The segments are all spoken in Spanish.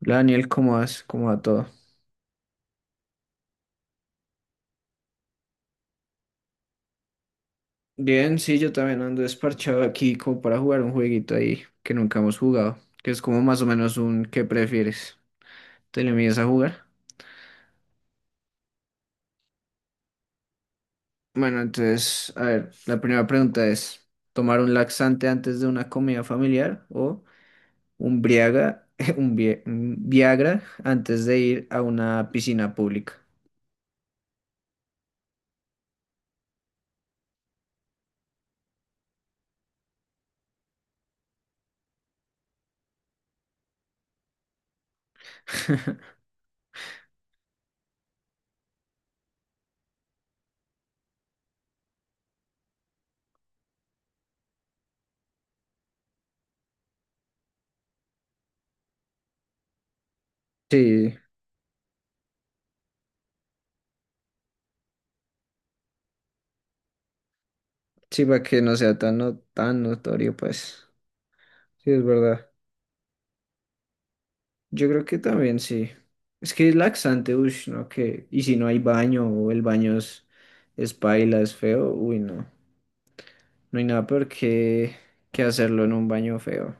Hola Daniel, ¿cómo vas? ¿Cómo va todo? Bien, sí, yo también ando desparchado aquí como para jugar un jueguito ahí que nunca hemos jugado, que es como más o menos un ¿qué prefieres? ¿Te le mides a jugar? Bueno, entonces, a ver, la primera pregunta es, ¿tomar un laxante antes de una comida familiar o un Briaga, un Viagra antes de ir a una piscina pública? Sí, sí, para que no sea tan, no, tan notorio, pues. Sí, es verdad. Yo creo que también sí. Es que es laxante, uy, no, que. Y si no hay baño o el baño es paila, es feo, uy, no. No hay nada peor que hacerlo en un baño feo.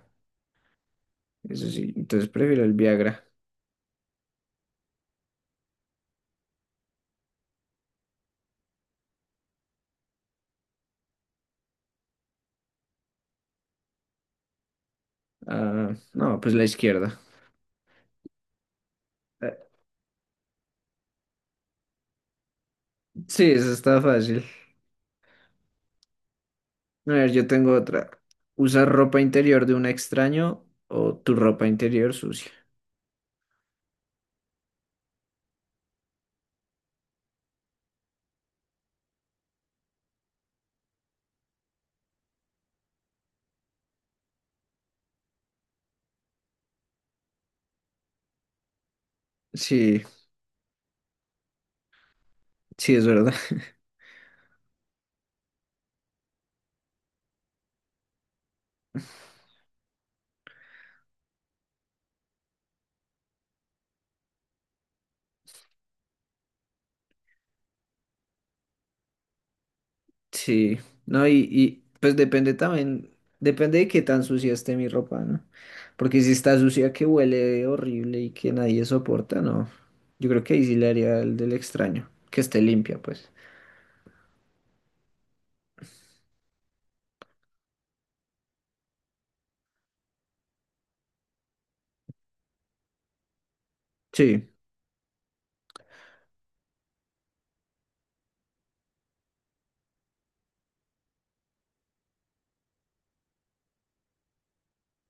Eso sí, entonces prefiero el Viagra. Ah, no, pues la izquierda. Eh, Sí, eso está fácil. A ver, yo tengo otra. ¿Usar ropa interior de un extraño o tu ropa interior sucia? Sí, sí, es verdad. Sí, no, pues depende también, depende de qué tan sucia esté mi ropa, ¿no? Porque si está sucia que huele horrible y que nadie soporta, no. Yo creo que ahí sí le haría el del extraño, que esté limpia, pues. Sí,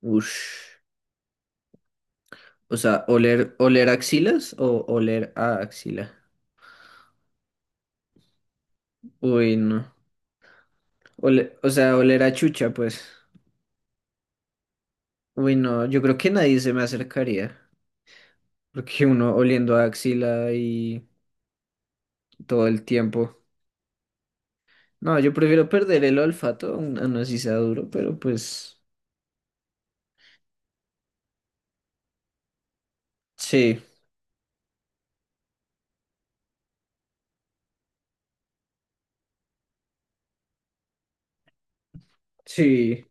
ush. O sea, oler axilas o oler a axila. Uy, no. Ole- o sea, oler a chucha, pues. Uy, no, yo creo que nadie se me acercaría. Porque uno oliendo a axila y todo el tiempo. No, yo prefiero perder el olfato a un- no así sea duro, pero pues sí, sí,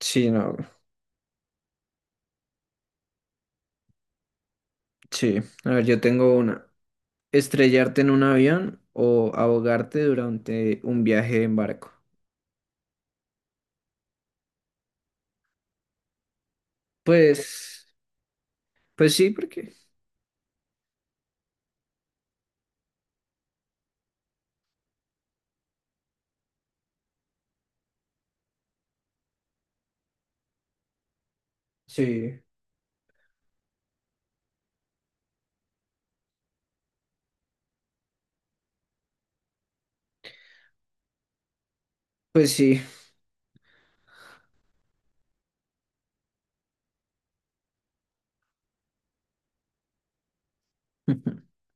sí, no, sí. A ver, yo tengo una. Estrellarte en un avión o ahogarte durante un viaje en barco. Pues, pues sí, porque sí, pues sí,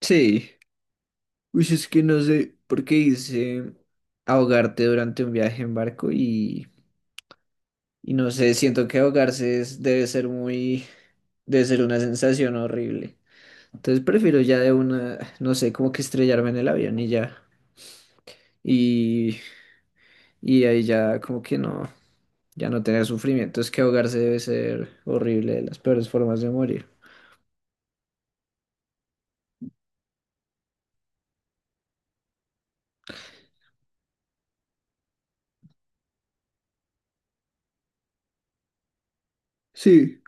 sí. Uy, es que no sé por qué hice ahogarte durante un viaje en barco y no sé, siento que ahogarse es- debe ser muy, debe ser una sensación horrible. Entonces prefiero ya de una, no sé, como que estrellarme en el avión y ya. Y, y ahí ya como que no, ya no tener sufrimiento. Es que ahogarse debe ser horrible, de las peores formas de morir. Sí.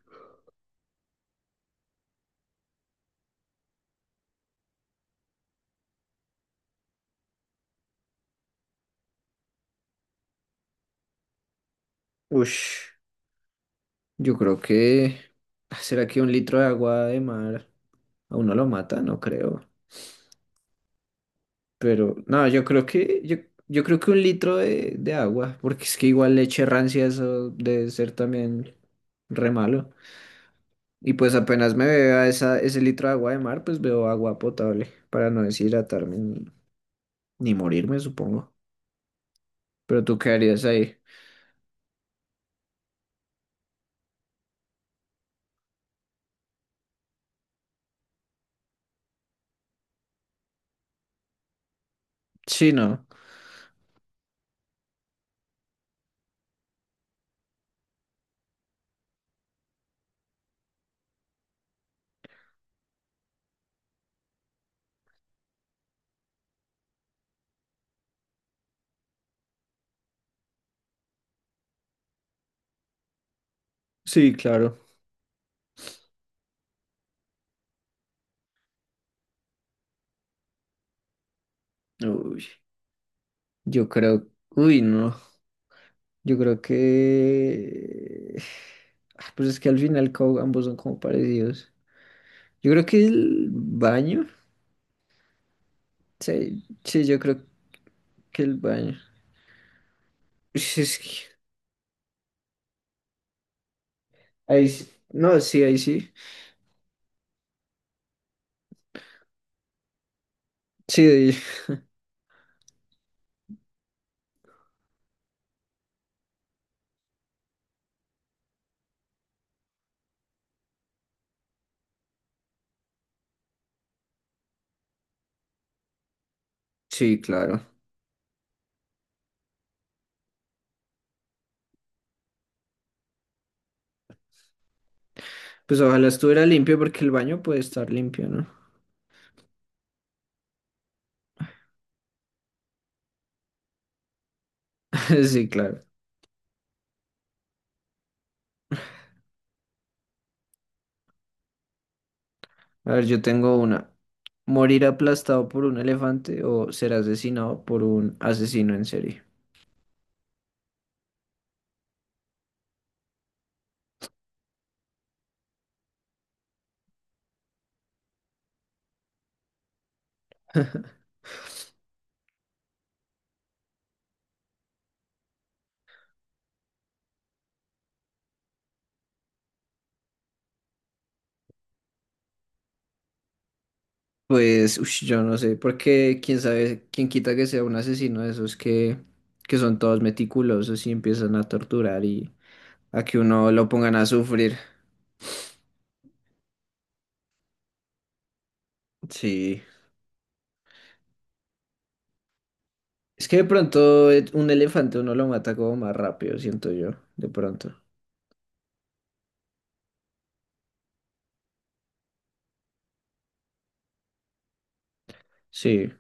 Ush, yo creo que... ¿Será que un litro de agua de mar a uno lo mata? No creo. Pero no, yo creo que... Yo creo que un litro de agua, porque es que igual leche rancia eso debe ser también re malo. Y pues apenas me beba ese litro de agua de mar, pues veo agua potable para no deshidratarme ni, ni morirme, supongo. Pero tú qué harías ahí. Sí, no. Sí, claro. Uy, yo creo. Uy, no. Yo creo que. Ah, pues es que al final co- ambos son como parecidos. Yo creo que el baño. Sí, sí, yo creo que el baño. Sí, es que... Ahí sí. No, sí, ahí sí. Sí, sí, claro. Pues ojalá estuviera limpio porque el baño puede estar limpio, ¿no? Sí, claro. A ver, yo tengo una. ¿Morir aplastado por un elefante o ser asesinado por un asesino en serie? Pues, ush, yo no sé, porque quién sabe, quién quita que sea un asesino de esos que son todos meticulosos y empiezan a torturar y a que uno lo pongan a sufrir. Sí. Es que de pronto un elefante uno lo mata como más rápido, siento yo, de pronto. Sí.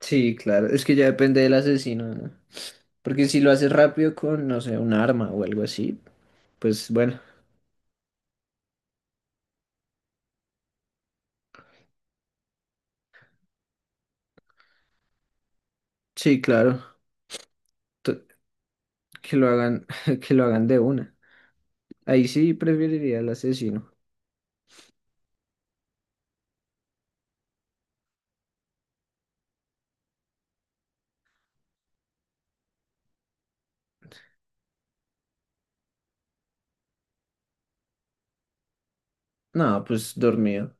Sí, claro, es que ya depende del asesino, ¿no? Porque si lo haces rápido con, no sé, un arma o algo así, pues bueno, sí, claro, to- que lo hagan, que lo hagan de una. Ahí sí preferiría al asesino. No, pues dormido.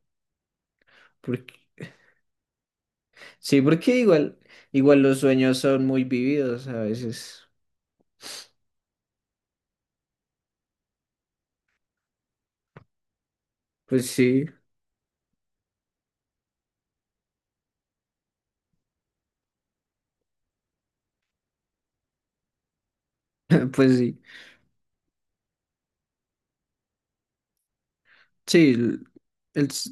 Porque, sí, porque igual, igual los sueños son muy vividos a veces. Pues sí, pues sí. Sí, el s-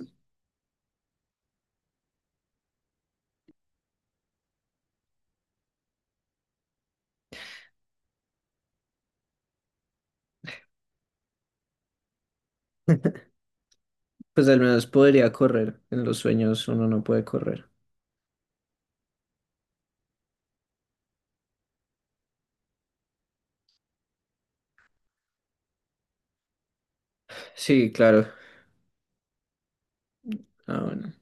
pues al menos podría correr. En los sueños uno no puede correr. Sí, claro. Ah, bueno.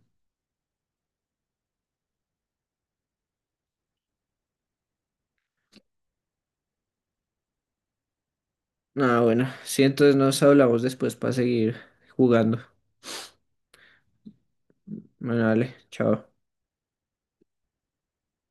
Ah, bueno, sí, entonces nos hablamos después para seguir jugando. Bueno, dale, chao.